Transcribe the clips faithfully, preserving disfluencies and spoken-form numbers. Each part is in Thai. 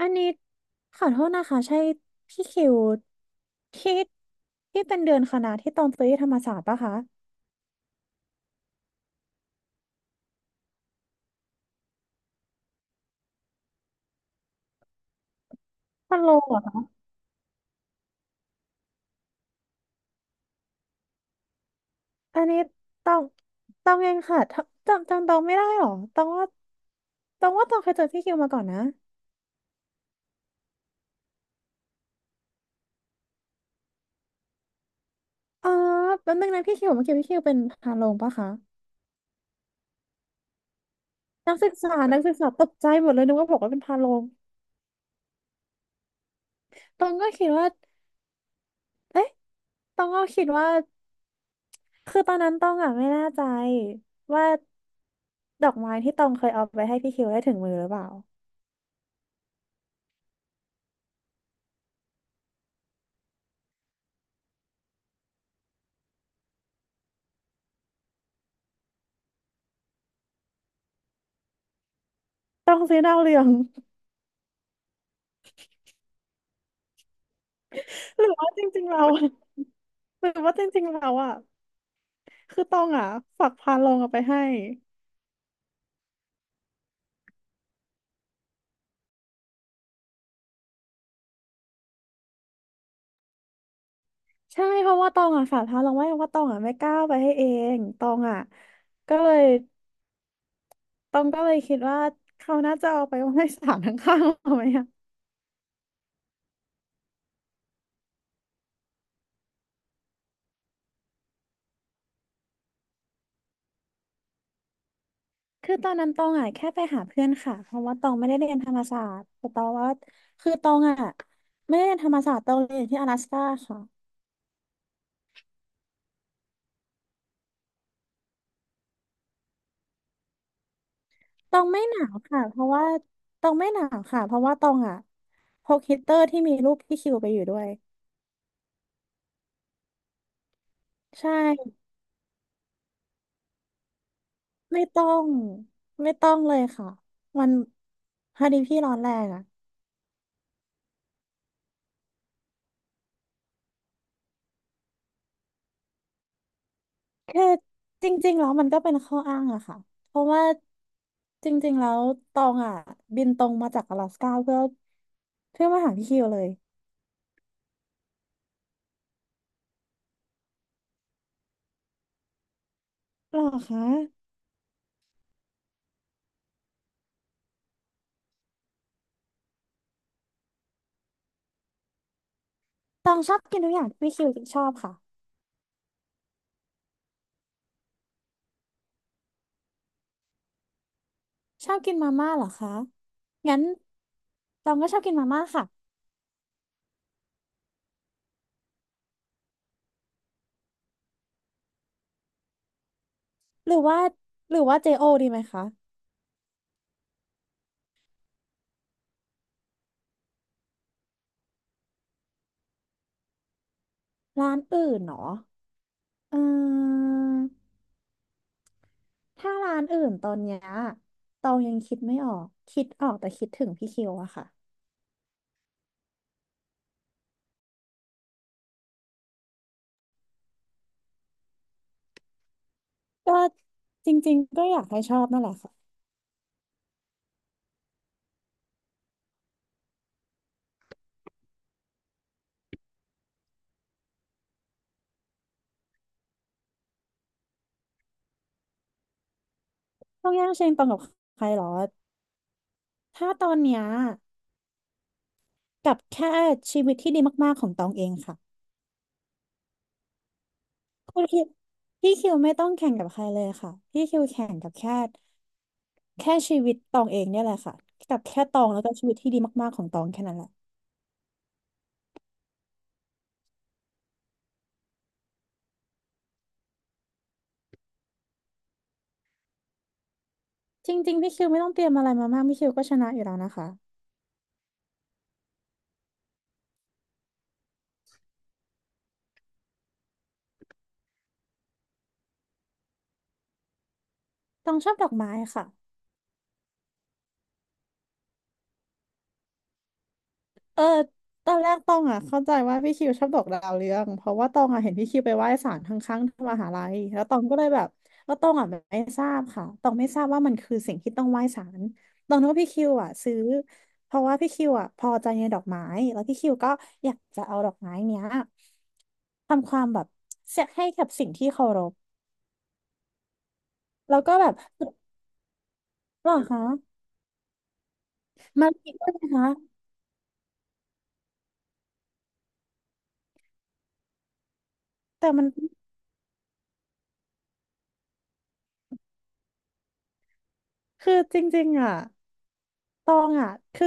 อันนี้ขอโทษนะคะใช่พี่คิวที่ที่เป็นเดือนคณะที่ต้องซื้อที่ธรรมศาสตร์ปะคะฮัลโหลเหรอคะอันนี้ต้องต้องเองค่ะถ้าจำจำต้องไม่ได้หรอต้องว่าต้องว่าต้องเคยเจอพี่คิวมาก่อนนะอออแป๊บนึงนะพี่คิวเมื่อกี้พี่คิวเป็นพาโรงปะคะนักศึกษานักศึกษาตกใจหมดเลยนึกว่าบอกว่าเป็นพาโรงตองก็คิดว่าเอ๊ะตองก็คิดว่า คือตอนนั้นต้องอ่ะไม่แน่ใจว่าดอกไม้ที่ตองเคยเอาไปให้พี่คิวได้ถึงมือหรือเปล่าต้องซื้อดาวเรือง หรือว่าจริงๆเรา หรือว่าจริงๆเราอ่ะคือตองอ่ะฝากพาลงเอาไปให้ใช่เพราะว่าตองอ่ะฝากพาลงไว้เพราะว่าตองอ่ะไม่กล้าเอาไปให้เองตองอ่ะก็เลยตองก็เลยคิดว่าเขาน่าจะเอาไปไว้ ให้ศาลข้างๆเอาไหม คือตอนนั้นตองอ่ะแค่ไปหาเพื่อนค่ะเพราะว่าตองไม่ได้เรียนธรรมศาสตร์แต่ตองว่าคือตองอ่ะไม่ได้เรียนธรรมศาสตร์ตองเรียนอยู่ที่阿拉斯ก้าค่ะตองไม่หนาวค่ะเพราะว่าตองไม่หนาวค่ะเพราะว่าตองอ่ะพกฮีตเตอร์ที่มีรูปพี่คิวไปอยู่ด้วยใช่ไม่ต้องไม่ต้องเลยค่ะมันพอดีพี่ร้อนแรงอ่ะ คือจริงๆแล้วมันก็เป็นข้ออ้างอะค่ะเพราะว่าจริงๆแล้วตองอะบินตรงมาจากอลาสก้าเพื่อเพื่อมาหาพี่คิวเลยหรอคะตองชอบกินทุกอย่างที่พี่คิวชอบค่ะชอบกินมาม่าเหรอคะงั้นตองก็ชอบกินมาม่าค่ะหรือว่าหรือว่าเจโอดีไหมคะร้านอื่นเหรอเออถ้าร้านอื่นตอนเนี้ยตองยังคิดไม่ออกคิดออกแต่คิดถึงพี่คิวอะค่ะ ก็จริงๆก็อยากให้ชอบนั่นแหละค่ะต้องแย่งชิงตองกับใครหรอถ้าตอนเนี้ยกับแค่ชีวิตที่ดีมากๆของตองเองค่ะคุณคิดพี่คิวไม่ต้องแข่งกับใครเลยค่ะพี่คิวแข่งกับแค่แค่ชีวิตตองเองเนี่ยแหละค่ะกับแค่ตองแล้วก็ชีวิตที่ดีมากๆของตองแค่นั้นแหละจริงๆพี่คิวไม่ต้องเตรียมอะไรมามากพี่คิวก็ชนะอยู่แล้วนะคะตองชอบดอกไม้ค่ะ เออตอนแรกตองอ่ะเข้าใจว่าพี่คิวชอบดอกดาวเรืองเพราะว่าตองอ่ะเห็นพี่คิวไปไหว้ศาลข้างๆที่มหาลัยแล้วตองก็เลยแบบแล้วตองอ่ะไม่ทราบค่ะตองไม่ทราบว่ามันคือสิ่งที่ต้องไหว้ศาลตองนึกว่าพี่คิวอ่ะซื้อเพราะว่าพี่คิวอ่ะพอใจในดอกไม้แล้วพี่คิวก็อยากจะเอาดอกไม้เนี้ยทำความแบบเสียให้กับสิ่งที่เคารพแล้วก็แบบหรอคะมาผิดด้วยนะคะแต่มันคือจริงๆอ่ะ ตองอ่ะคือ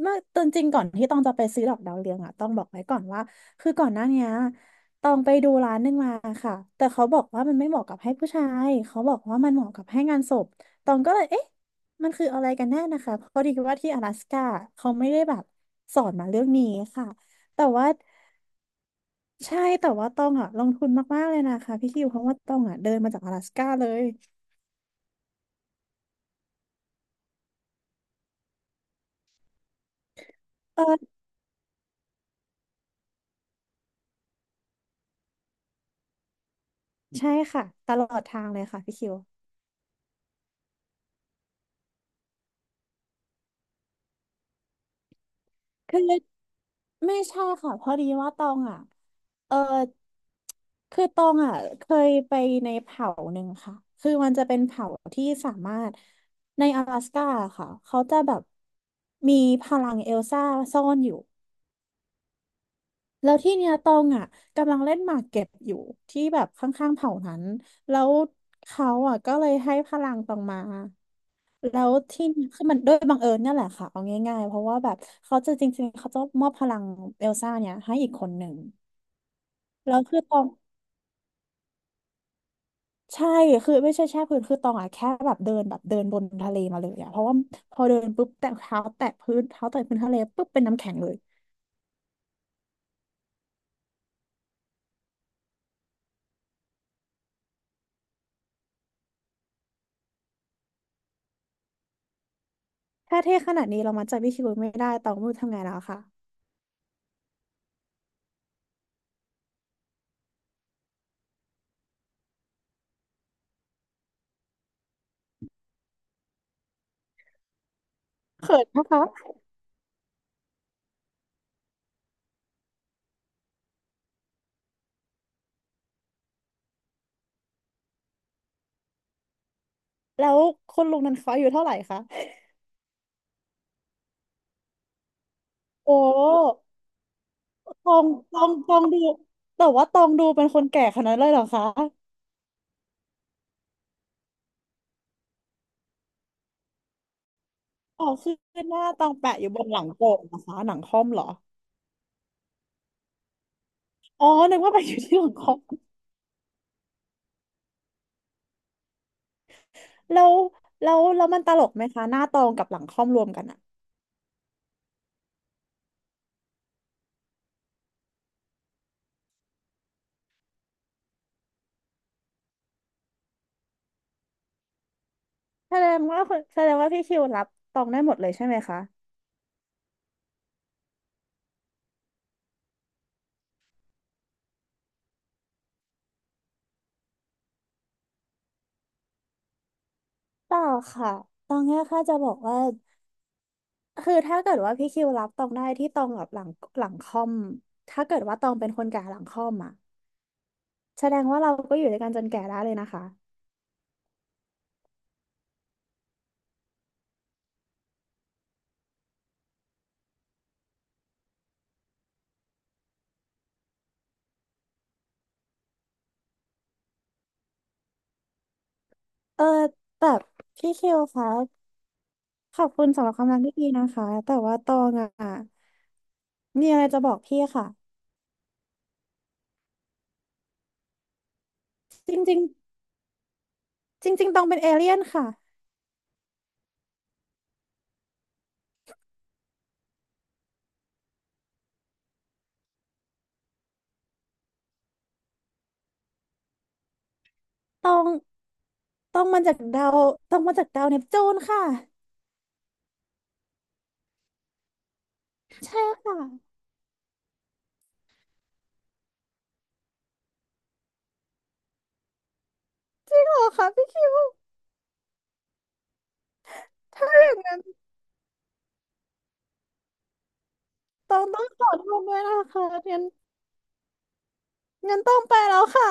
เมื่อตอนจริงก่อนที่ตองจะไปซื้อดอกดาวเรืองอ่ะต้องบอกไว้ก่อนว่าคือก่อนหน้าเนี้ยตองไปดูร้านหนึงมาค่ะแต่เขาบอกว่ามันไม่เหมาะกับให้ผู้ชายเขาบอกว่ามันเหมาะกับให้งานศพตองก็เลยเอ๊ะมันคืออะไรกันแน่นะคะเพราะดีว่าที่阿拉斯ก้าเขาไม่ได้แบบสอนมาเรื่องนี้ค่ะแต่ว่าใช่แต่ว่าตองอ่ะลงทุนมากๆเลยนะคะพี่คิวเพราะว่าตองอ่ะเดินมาจาก阿拉斯ก้าเลยเออใช่ค่ะตลอดทางเลยค่ะพี่คิวคือ ไม่ใช่ค่ะพอดีว่าตองอ่ะเออคือตองอ่ะเคยไปในเผ่าหนึ่งค่ะ คือมันจะเป็นเผ่าที่สามารถใน阿拉สก้าค่ะ เขาจะแบบมีพลังเอลซ่าซ่อนอยู่ แล้วที่เนี้ยตองอ่ะกำลังเล่นหมากเก็บอยู่ที่แบบข้างๆเผ่านั้นแล้วเขาอ่ะก็เลยให้พลังตองมาแล้วที่นี่คือมันด้วยบังเอิญเนี่ยแหละค่ะเอาง่ายๆเพราะว่าแบบเขาจะจริงๆเขาจะมอบพลังเอลซ่าเนี่ยให้อีกคนหนึ่ง แล้วคือตองใช่คือไม่ใช่แช่พื้นคือตองอะแค่แบบเดินแบบเดินบนทะเลมาเลยอะเพราะว่าพอเดินปุ๊บแตะเท้าแตะพื้นเท้าแตะพื้นทะเลปุ๊บเป็นน้ำแข็งเลยถ้าเท่ขนาดนี้เรามาใจพี่คิวไม่ได้ตองไม่รู้ทำไงแล้วค่ะเขินนะคะแล้วคนลุงนั้นเขาอายุเท่าไหร่คะโอ้ตองตองตองดูแต่ว่าตองดูเป็นคนแก่ขนาดนั้นเลยเหรอคะอ๋อคือหน้าตองแปะอยู่บนหลังโก่นะคะหนังค่อมเหรออ๋อนึกว่าแปะอยู่ที่หลังคอม แล้วแล้วแล้วมันตลกไหมคะหน้าตองกับหลังค่อมรวมกันอะแสดงว่าคุณแสดงว่าพี่คิวรับตองได้หมดเลยใช่ไหมคะเปล่าค่ะตองเนี่ยค่ะจะบอกว่าคือถ้าเกิดว่าพี่คิวรับตองได้ที่ตองกับหลังหลังคอมถ้าเกิดว่าตองเป็นคนแก่หลังคอมอะแสดงว่าเราก็อยู่ด้วยกันจนแก่ได้เลยนะคะเออแบบพี่คิวคะขอบคุณสำหรับคำแนะนำที่ดีนะคะแต่ว่าตองอะมีอะไรจะบอกพี่ค่ะจริงๆจริงๆตองเป็นเอเลี่ยนค่ะ ต้องต้องมาจากดาวต้องมาจากดาวเนปจูนค่ะใช่ค่ะจริงเหรอคะพี่คิวถ้าอย่างนั้นต้องต้องขอโทษด้วยนะคะงั้นงั้นต้องไปแล้วค่ะ